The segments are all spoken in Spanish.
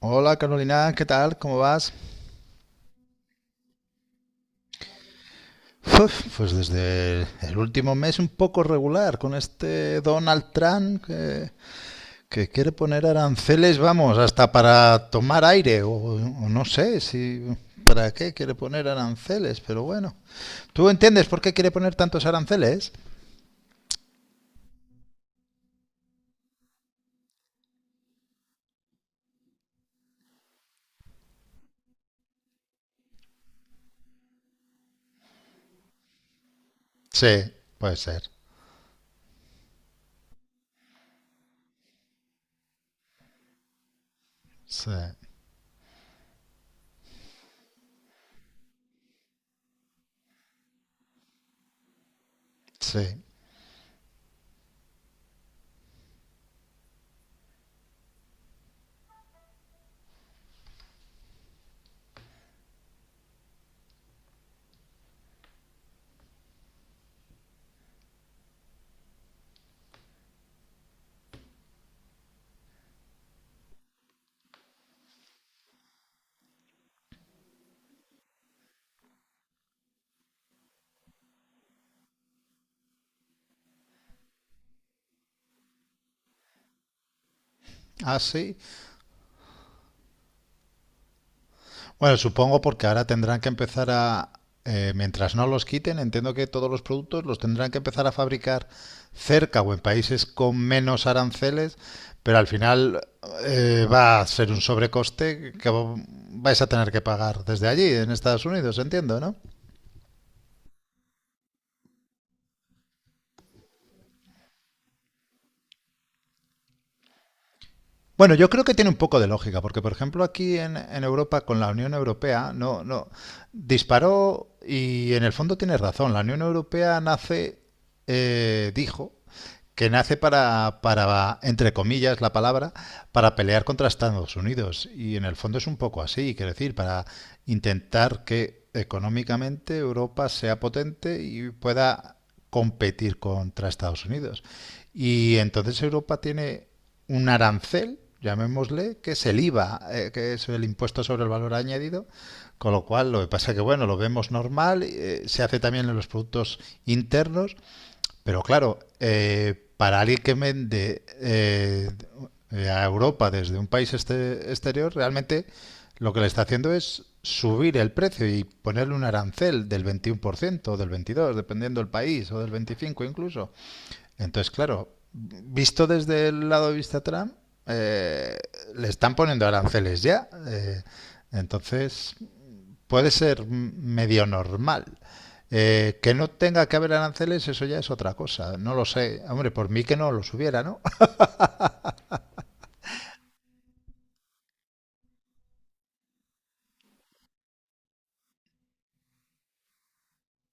Hola Carolina, ¿qué tal? ¿Cómo vas? Uf, pues desde el último mes un poco regular con este Donald Trump que quiere poner aranceles, vamos, hasta para tomar aire o no sé si para qué quiere poner aranceles, pero bueno. ¿Tú entiendes por qué quiere poner tantos aranceles? Sí, puede ser. Sí, sí. Ah, sí. Bueno, supongo porque ahora tendrán que empezar mientras no los quiten, entiendo que todos los productos los tendrán que empezar a fabricar cerca o en países con menos aranceles, pero al final va a ser un sobrecoste que vais a tener que pagar desde allí, en Estados Unidos, entiendo, ¿no? Bueno, yo creo que tiene un poco de lógica, porque por ejemplo aquí en Europa con la Unión Europea no, no disparó y en el fondo tiene razón. La Unión Europea nace, dijo que nace para, entre comillas, la palabra, para pelear contra Estados Unidos. Y en el fondo es un poco así, quiero decir, para intentar que económicamente Europa sea potente y pueda competir contra Estados Unidos. Y entonces Europa tiene un arancel, llamémosle, que es el IVA, que es el impuesto sobre el valor añadido, con lo cual lo que pasa es que, bueno, lo vemos normal. Se hace también en los productos internos, pero claro, para alguien que vende a Europa desde un país exterior, realmente lo que le está haciendo es subir el precio y ponerle un arancel del 21% o del 22%, dependiendo del país, o del 25% incluso. Entonces, claro, visto desde el lado de vista Trump, eh, le están poniendo aranceles ya. Entonces, puede ser medio normal. Que no tenga que haber aranceles, eso ya es otra cosa. No lo sé. Hombre, por mí que no los hubiera, ¿no?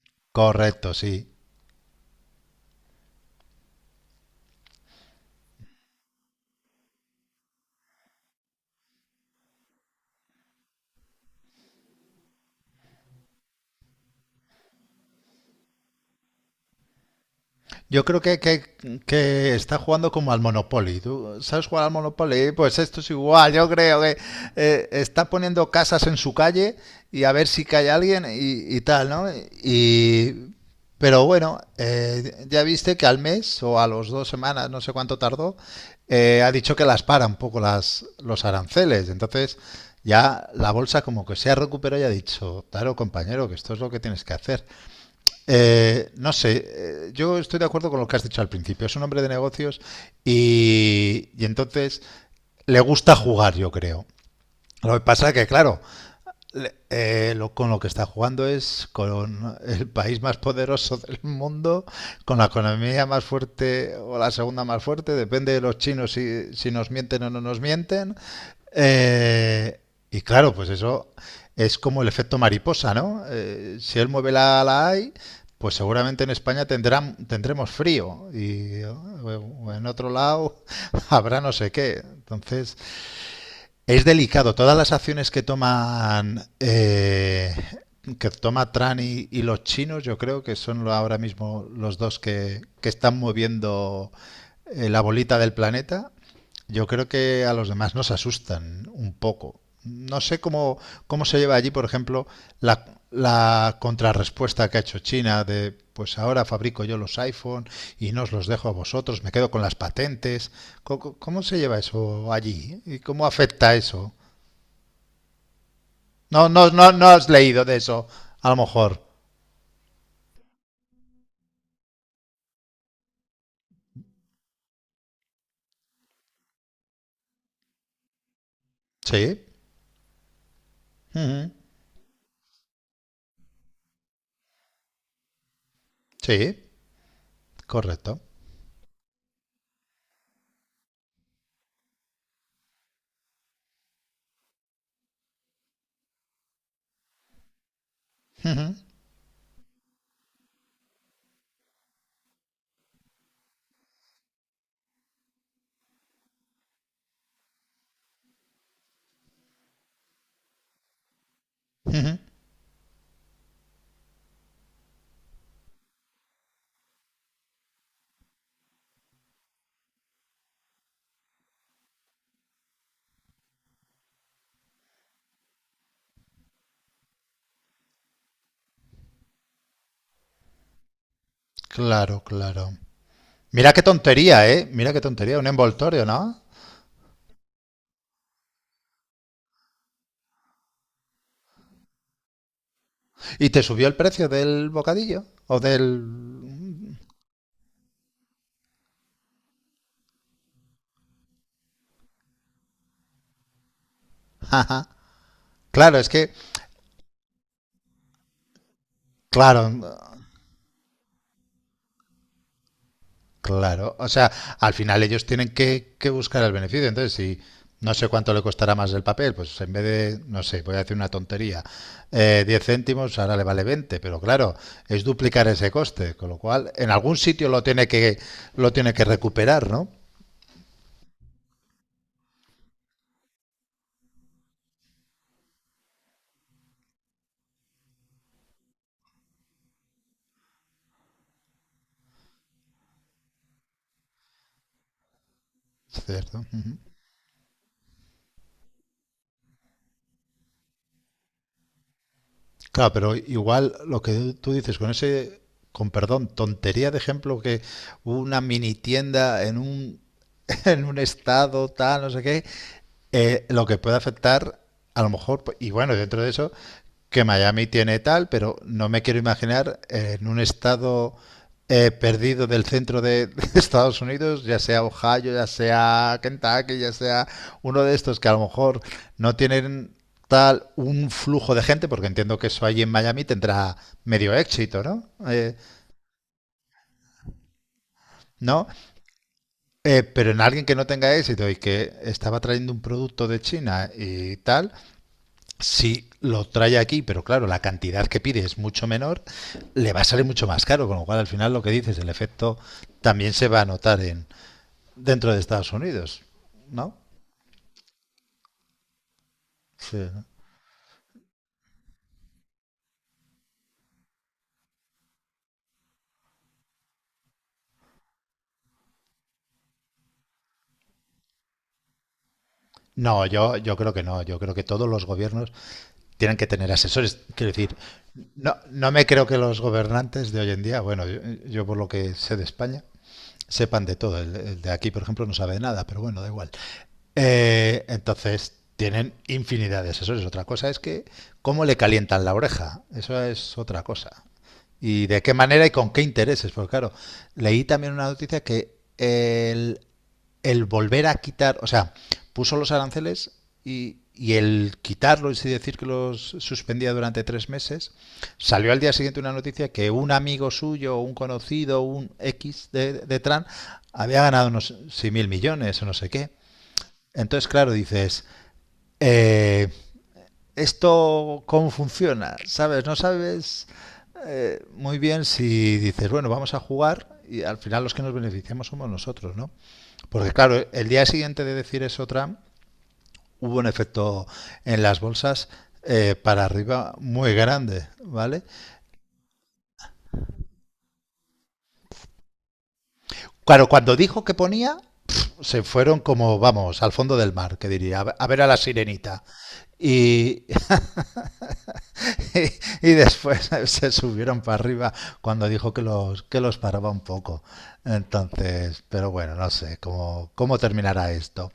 Correcto, sí. Yo creo que está jugando como al Monopoly. ¿Tú sabes jugar al Monopoly? Pues esto es igual. Yo creo que está poniendo casas en su calle y a ver si cae alguien y tal, ¿no? Y, pero bueno, ya viste que al mes o a los 2 semanas, no sé cuánto tardó, ha dicho que las para un poco los aranceles. Entonces ya la bolsa como que se ha recuperado y ha dicho, claro, compañero, que esto es lo que tienes que hacer. No sé, yo estoy de acuerdo con lo que has dicho al principio. Es un hombre de negocios y entonces le gusta jugar, yo creo. Lo que pasa es que, claro, con lo que está jugando es con el país más poderoso del mundo, con la economía más fuerte o la segunda más fuerte, depende de los chinos si nos mienten o no nos mienten. Eh, y claro, pues eso es como el efecto mariposa, ¿no? Si él mueve la AI, pues seguramente en España tendremos frío y o en otro lado habrá no sé qué. Entonces, es delicado. Todas las acciones que toman que toma Trump y los chinos, yo creo que son ahora mismo los dos que están moviendo la bolita del planeta. Yo creo que a los demás nos asustan un poco. No sé cómo se lleva allí, por ejemplo, la, la contrarrespuesta que ha hecho China de, pues ahora fabrico yo los iPhone y no os los dejo a vosotros, me quedo con las patentes. ¿ Cómo se lleva eso allí? ¿Y cómo afecta eso? No, no, no, no has leído de eso, a lo mejor. Sí. Ujú. Sí, correcto. Ujú. Ujú. Claro, claro. Mira qué tontería, ¿eh? Mira qué tontería, un envoltorio, ¿no? ¿Y te subió el precio del bocadillo? ¿O del...? Ajá. Claro, es que, claro. Claro, o sea, al final ellos tienen que buscar el beneficio. Entonces, si no sé cuánto le costará más el papel, pues en vez de, no sé, voy a decir una tontería, 10 céntimos, ahora le vale 20, pero claro, es duplicar ese coste, con lo cual en algún sitio lo tiene que recuperar, ¿no? Cierto. Ujú. Claro, pero igual lo que tú dices con ese, con perdón, tontería de ejemplo que una mini tienda en un en un estado tal, no sé qué, lo que puede afectar, a lo mejor, y bueno, dentro de eso, que Miami tiene tal, pero no me quiero imaginar en un estado perdido del centro de Estados Unidos, ya sea Ohio, ya sea Kentucky, ya sea uno de estos que a lo mejor no tienen tal un flujo de gente, porque entiendo que eso allí en Miami tendrá medio éxito, ¿no? ¿No? Pero en alguien que no tenga éxito y que estaba trayendo un producto de China y tal, si lo trae aquí, pero claro, la cantidad que pide es mucho menor, le va a salir mucho más caro, con lo cual al final lo que dices, el efecto también se va a notar en dentro de Estados Unidos, ¿no? Sí. No, yo creo que no. Yo creo que todos los gobiernos tienen que tener asesores. Quiero decir, no, no me creo que los gobernantes de hoy en día, bueno, yo por lo que sé de España, sepan de todo. El de aquí, por ejemplo, no sabe de nada, pero bueno, da igual. Entonces, tienen infinidad de asesores. Otra cosa es que cómo le calientan la oreja. Eso es otra cosa. Y de qué manera y con qué intereses. Porque claro, leí también una noticia que el volver a quitar, o sea, puso los aranceles y el quitarlos y decir que los suspendía durante 3 meses, salió al día siguiente una noticia que un amigo suyo, un conocido, un X de Tran, había ganado unos 6.000 millones o no sé qué. Entonces, claro, dices, eh, ¿esto cómo funciona? ¿Sabes? No sabes muy bien si dices, bueno, vamos a jugar y al final los que nos beneficiamos somos nosotros, ¿no? Porque claro, el día siguiente de decir eso Trump, hubo un efecto en las bolsas para arriba muy grande, ¿vale? Claro, cuando dijo que ponía, se fueron como, vamos, al fondo del mar, que diría, a ver a la sirenita. Y, y después se subieron para arriba cuando dijo que que los paraba un poco. Entonces, pero bueno, no sé cómo terminará esto.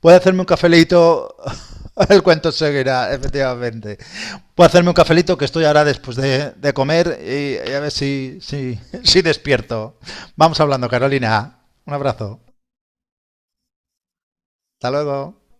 ¿Puede hacerme un cafelito? El cuento seguirá, efectivamente. Puedo hacerme un cafelito que estoy ahora después de comer y a ver si despierto. Vamos hablando, Carolina. Un abrazo. Hasta luego.